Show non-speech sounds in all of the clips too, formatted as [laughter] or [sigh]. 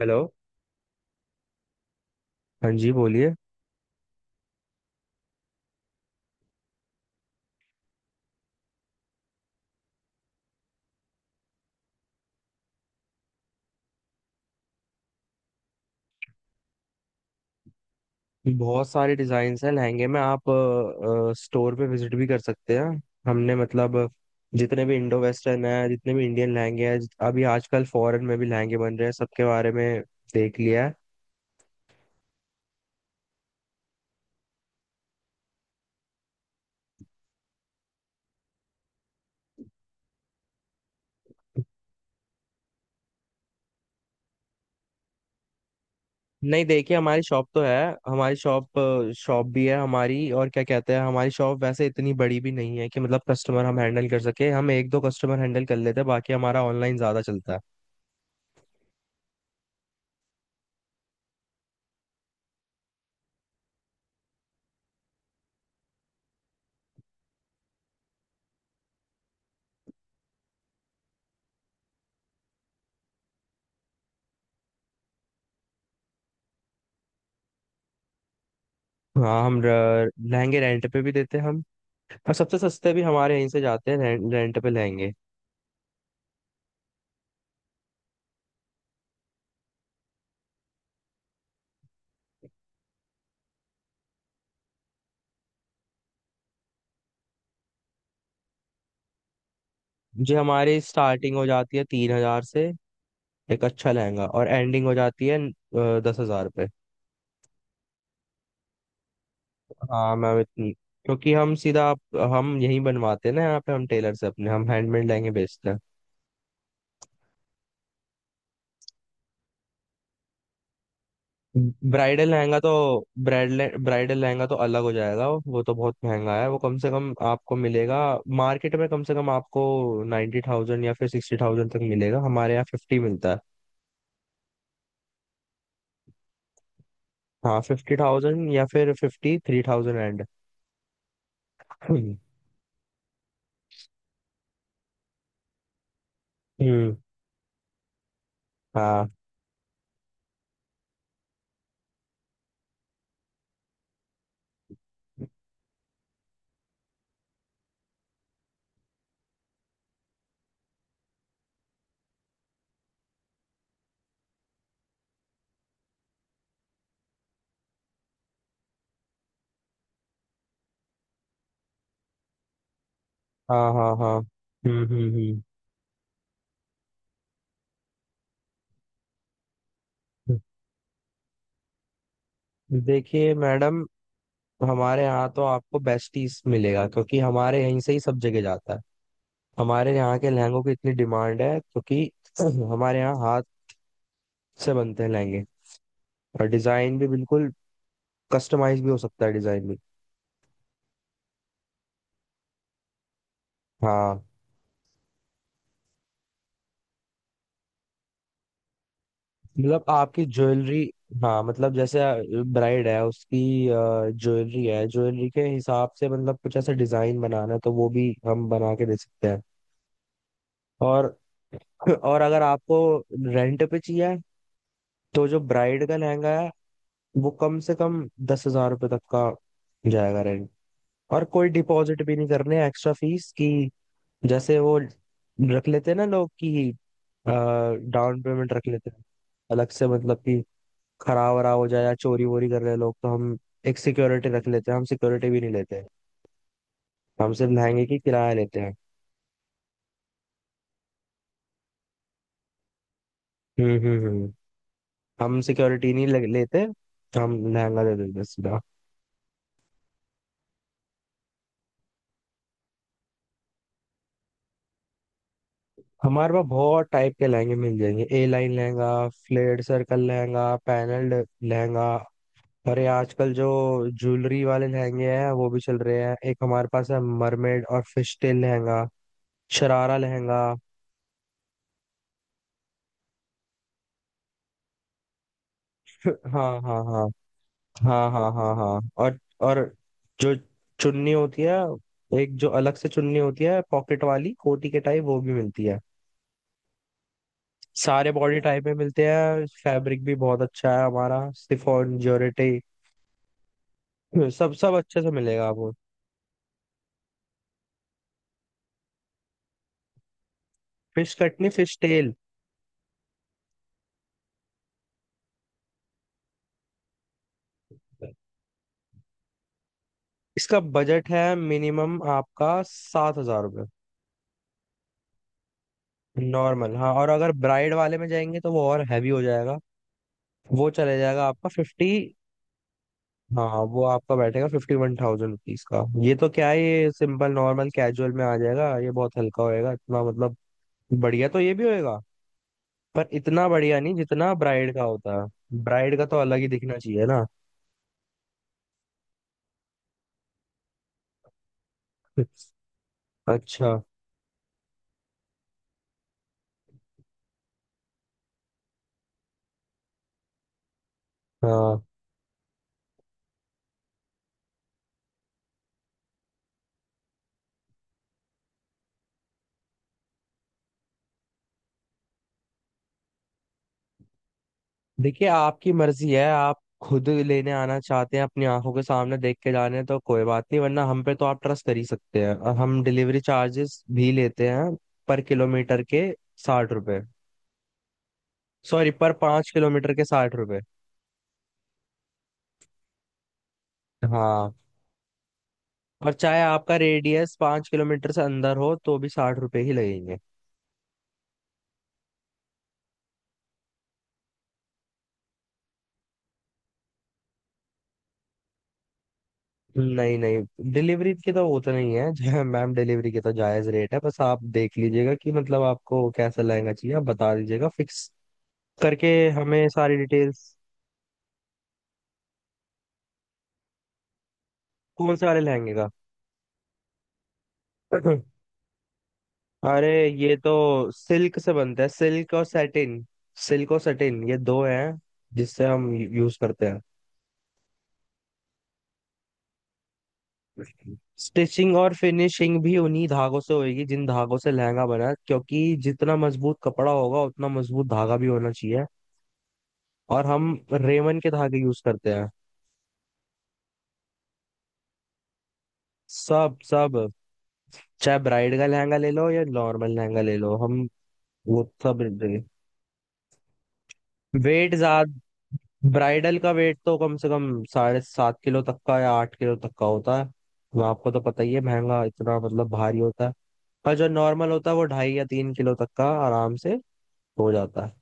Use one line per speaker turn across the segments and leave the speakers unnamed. Hello. हाँ जी, बोलिए। बहुत सारे डिजाइन हैं लहंगे में, आप स्टोर पे विजिट भी कर सकते हैं। हमने मतलब जितने भी इंडो वेस्टर्न है, जितने भी इंडियन लहंगे हैं, अभी आजकल फॉरेन में भी लहंगे बन रहे हैं, सबके बारे में देख लिया है। नहीं, देखिए, हमारी शॉप तो है। हमारी शॉप शॉप भी है हमारी, और क्या कहते हैं, हमारी शॉप वैसे इतनी बड़ी भी नहीं है कि मतलब कस्टमर हम हैंडल कर सके। हम एक दो कस्टमर हैंडल कर लेते हैं, बाकी हमारा ऑनलाइन ज्यादा चलता है। हाँ, हम लहंगे रेंट पे भी देते हैं हम, और सबसे सस्ते भी हमारे यहीं से जाते हैं, रेंट पे लहंगे। जी, हमारी स्टार्टिंग हो जाती है 3 हजार से एक अच्छा लहंगा, और एंडिंग हो जाती है 10 हजार पे। हाँ मैम, इतनी क्योंकि हम सीधा हम यहीं बनवाते हैं ना, यहाँ पे हम टेलर से अपने हम हैंडमेड लहंगे बेचते हैं। ब्राइडल लहंगा तो, ब्राइडल ब्राइडल लहंगा तो अलग हो जाएगा, वो तो बहुत महंगा है। वो कम से कम आपको मिलेगा मार्केट में, कम से कम आपको 90 थाउजेंड या फिर 60 थाउजेंड तक मिलेगा, हमारे यहाँ फिफ्टी मिलता है। हाँ, 50 थाउजेंड या फिर 53 थाउजेंड एंड। हम्म। हम्म, हाँ हाँ हाँ हाँ। हम्म हम्म हम्म। देखिए मैडम, हमारे यहाँ तो आपको बेस्ट पीस मिलेगा क्योंकि हमारे यहीं से ही सब जगह जाता है। हमारे यहाँ के लहंगों की इतनी डिमांड है, क्योंकि [clears throat] हमारे यहाँ से बनते हैं लहंगे। और डिजाइन भी बिल्कुल कस्टमाइज भी हो सकता है, डिजाइन भी। हाँ मतलब आपकी ज्वेलरी, हाँ मतलब जैसे ब्राइड है, उसकी ज्वेलरी है, ज्वेलरी के हिसाब से मतलब कुछ ऐसा डिजाइन बनाना है तो वो भी हम बना के दे सकते हैं। और और अगर आपको रेंट पे चाहिए तो जो ब्राइड का लहंगा है, वो कम से कम 10 हजार रुपये तक का जाएगा रेंट। और कोई डिपॉजिट भी नहीं करने, एक्स्ट्रा फीस की जैसे वो रख लेते हैं ना लोग, कि डाउन पेमेंट रख लेते हैं, अलग से, मतलब कि खराब वराब हो जाए या चोरी वोरी कर रहे हैं लोग, तो हम एक सिक्योरिटी रख लेते हैं। हम सिक्योरिटी भी नहीं लेते, हम सिर्फ लहंगे की किराया लेते हैं। हम्म। हम सिक्योरिटी नहीं लेते। हम लहंगा दे देते हैं सीधा। हमारे पास बहुत टाइप के लहंगे मिल जाएंगे। A line lehenga, flared circle lehenga, panelled lehenga. अरे, आजकल जो ज्वेलरी वाले लहंगे हैं वो भी चल रहे हैं। एक हमारे पास है मरमेड और फिश टेल लहंगा, शरारा लहंगा। हाँ हाँ हाँ हाँ हाँ हाँ हाँ। और जो चुन्नी होती है, एक जो अलग से चुन्नी होती है पॉकेट वाली कोटी के टाइप, वो भी मिलती है। सारे बॉडी टाइप में मिलते हैं, फैब्रिक भी बहुत अच्छा है हमारा, शिफॉन, जॉर्जेट, सब सब अच्छे से मिलेगा आपको। फिश कटनी, फिश टेल। इसका बजट है मिनिमम आपका 7 हजार रुपये, नॉर्मल। हाँ, और अगर ब्राइड वाले में जाएंगे तो वो और हैवी हो जाएगा, वो चले जाएगा आपका फिफ्टी। हाँ, वो आपका बैठेगा 51 थाउजेंड रुपीज का। ये तो क्या है, ये सिंपल नॉर्मल कैजुअल में आ जाएगा, ये बहुत हल्का होएगा इतना, मतलब बढ़िया तो ये भी होएगा, पर इतना बढ़िया नहीं जितना ब्राइड का होता है। ब्राइड का तो अलग ही दिखना चाहिए ना। [laughs] अच्छा, हाँ। देखिए, आपकी मर्जी है, आप खुद लेने आना चाहते हैं, अपनी आंखों के सामने देख के जाने हैं तो कोई बात नहीं, वरना हम पे तो आप ट्रस्ट कर ही सकते हैं। और हम डिलीवरी चार्जेस भी लेते हैं, पर किलोमीटर के 60 रुपए। सॉरी, पर 5 किलोमीटर के 60। हाँ, और चाहे आपका रेडियस 5 किलोमीटर से अंदर हो तो भी 60 रुपए ही लगेंगे। नहीं नहीं, डिलीवरी की तो वो तो नहीं है जो, मैम, डिलीवरी की तो जायज रेट है। बस आप देख लीजिएगा कि मतलब आपको कैसा लहंगा चाहिए, आप बता दीजिएगा फिक्स करके, हमें सारी डिटेल्स। कौन से वाले लहंगे का? [clears throat] अरे, ये तो सिल्क से बनता है, सिल्क और सैटिन। सिल्क और सैटिन, ये दो हैं जिससे हम यूज करते हैं। स्टिचिंग और फिनिशिंग भी उन्हीं धागों से होगी जिन धागों से लहंगा बना है, क्योंकि जितना मजबूत कपड़ा होगा उतना मजबूत धागा भी होना चाहिए। और हम रेमन के धागे यूज करते हैं। सब सब, चाहे ब्राइड का लहंगा ले लो या नॉर्मल लहंगा ले लो, हम। वो सब। वेट ज्यादा। ब्राइडल का वेट तो कम से कम 7.5 किलो तक का या 8 किलो तक का होता है। वो आपको तो पता ही है, महंगा इतना, मतलब भारी होता है। और जो नॉर्मल होता है वो ढाई या 3 किलो तक का आराम से हो जाता है।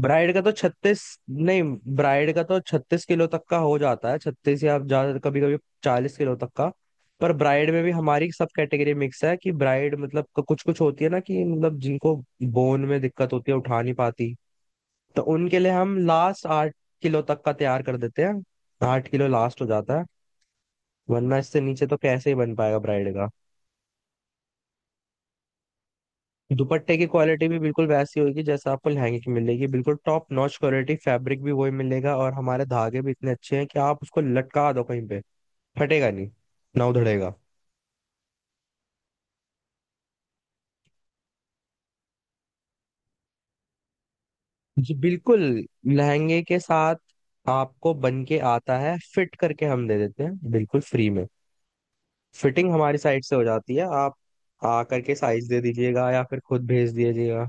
ब्राइड का तो छत्तीस, नहीं, ब्राइड का तो 36 किलो तक का हो जाता है, 36, या आप ज्यादा, कभी कभी 40 किलो तक का। पर ब्राइड में भी हमारी सब कैटेगरी मिक्स है, कि ब्राइड मतलब कुछ कुछ होती है ना, कि मतलब जिनको बोन में दिक्कत होती है, उठा नहीं पाती, तो उनके लिए हम लास्ट 8 किलो तक का तैयार कर देते हैं, 8 किलो लास्ट हो जाता है। वरना इससे नीचे तो कैसे ही बन पाएगा ब्राइड का। दुपट्टे की क्वालिटी भी बिल्कुल वैसी होगी जैसा आपको लहंगे की मिलेगी, बिल्कुल टॉप नॉच क्वालिटी, फैब्रिक भी वही मिलेगा और हमारे धागे भी इतने अच्छे हैं कि आप उसको लटका दो कहीं पे, फटेगा नहीं, ना उधड़ेगा। जी बिल्कुल, लहंगे के साथ आपको बन के आता है, फिट करके हम दे देते हैं बिल्कुल फ्री में। फिटिंग हमारी साइड से हो जाती है, आप आ करके साइज दे दीजिएगा या फिर खुद भेज दीजिएगा।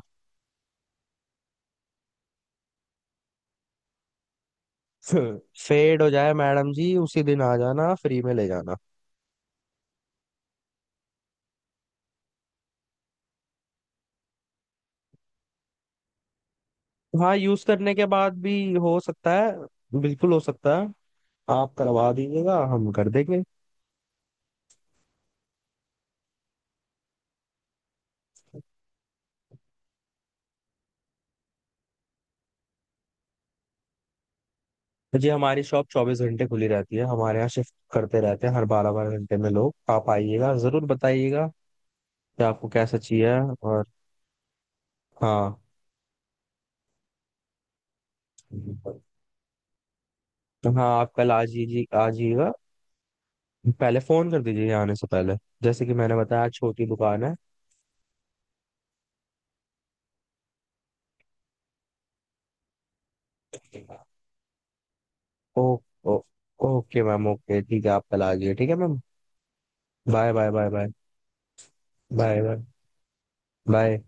[laughs] फेड हो जाए, मैडम जी उसी दिन आ जाना, फ्री में ले जाना। हाँ, यूज करने के बाद भी हो सकता है, बिल्कुल हो सकता है, आप करवा दीजिएगा हम कर देंगे। जी, हमारी शॉप 24 घंटे खुली रहती है, हमारे यहाँ शिफ्ट करते रहते हैं हर बारह बारह घंटे में लोग, आप आइएगा जरूर, बताइएगा कि आपको कैसा चाहिए। और हाँ, हाँ आप कल आ, जी आ जाइएगा, पहले फोन कर दीजिए यहाँ आने से पहले, जैसे कि मैंने बताया छोटी दुकान है। Oh, oh, okay ma'am, okay, ठीक है, आप कल आ जाइए, ठीक है ma'am. Bye bye, bye bye, bye bye, bye.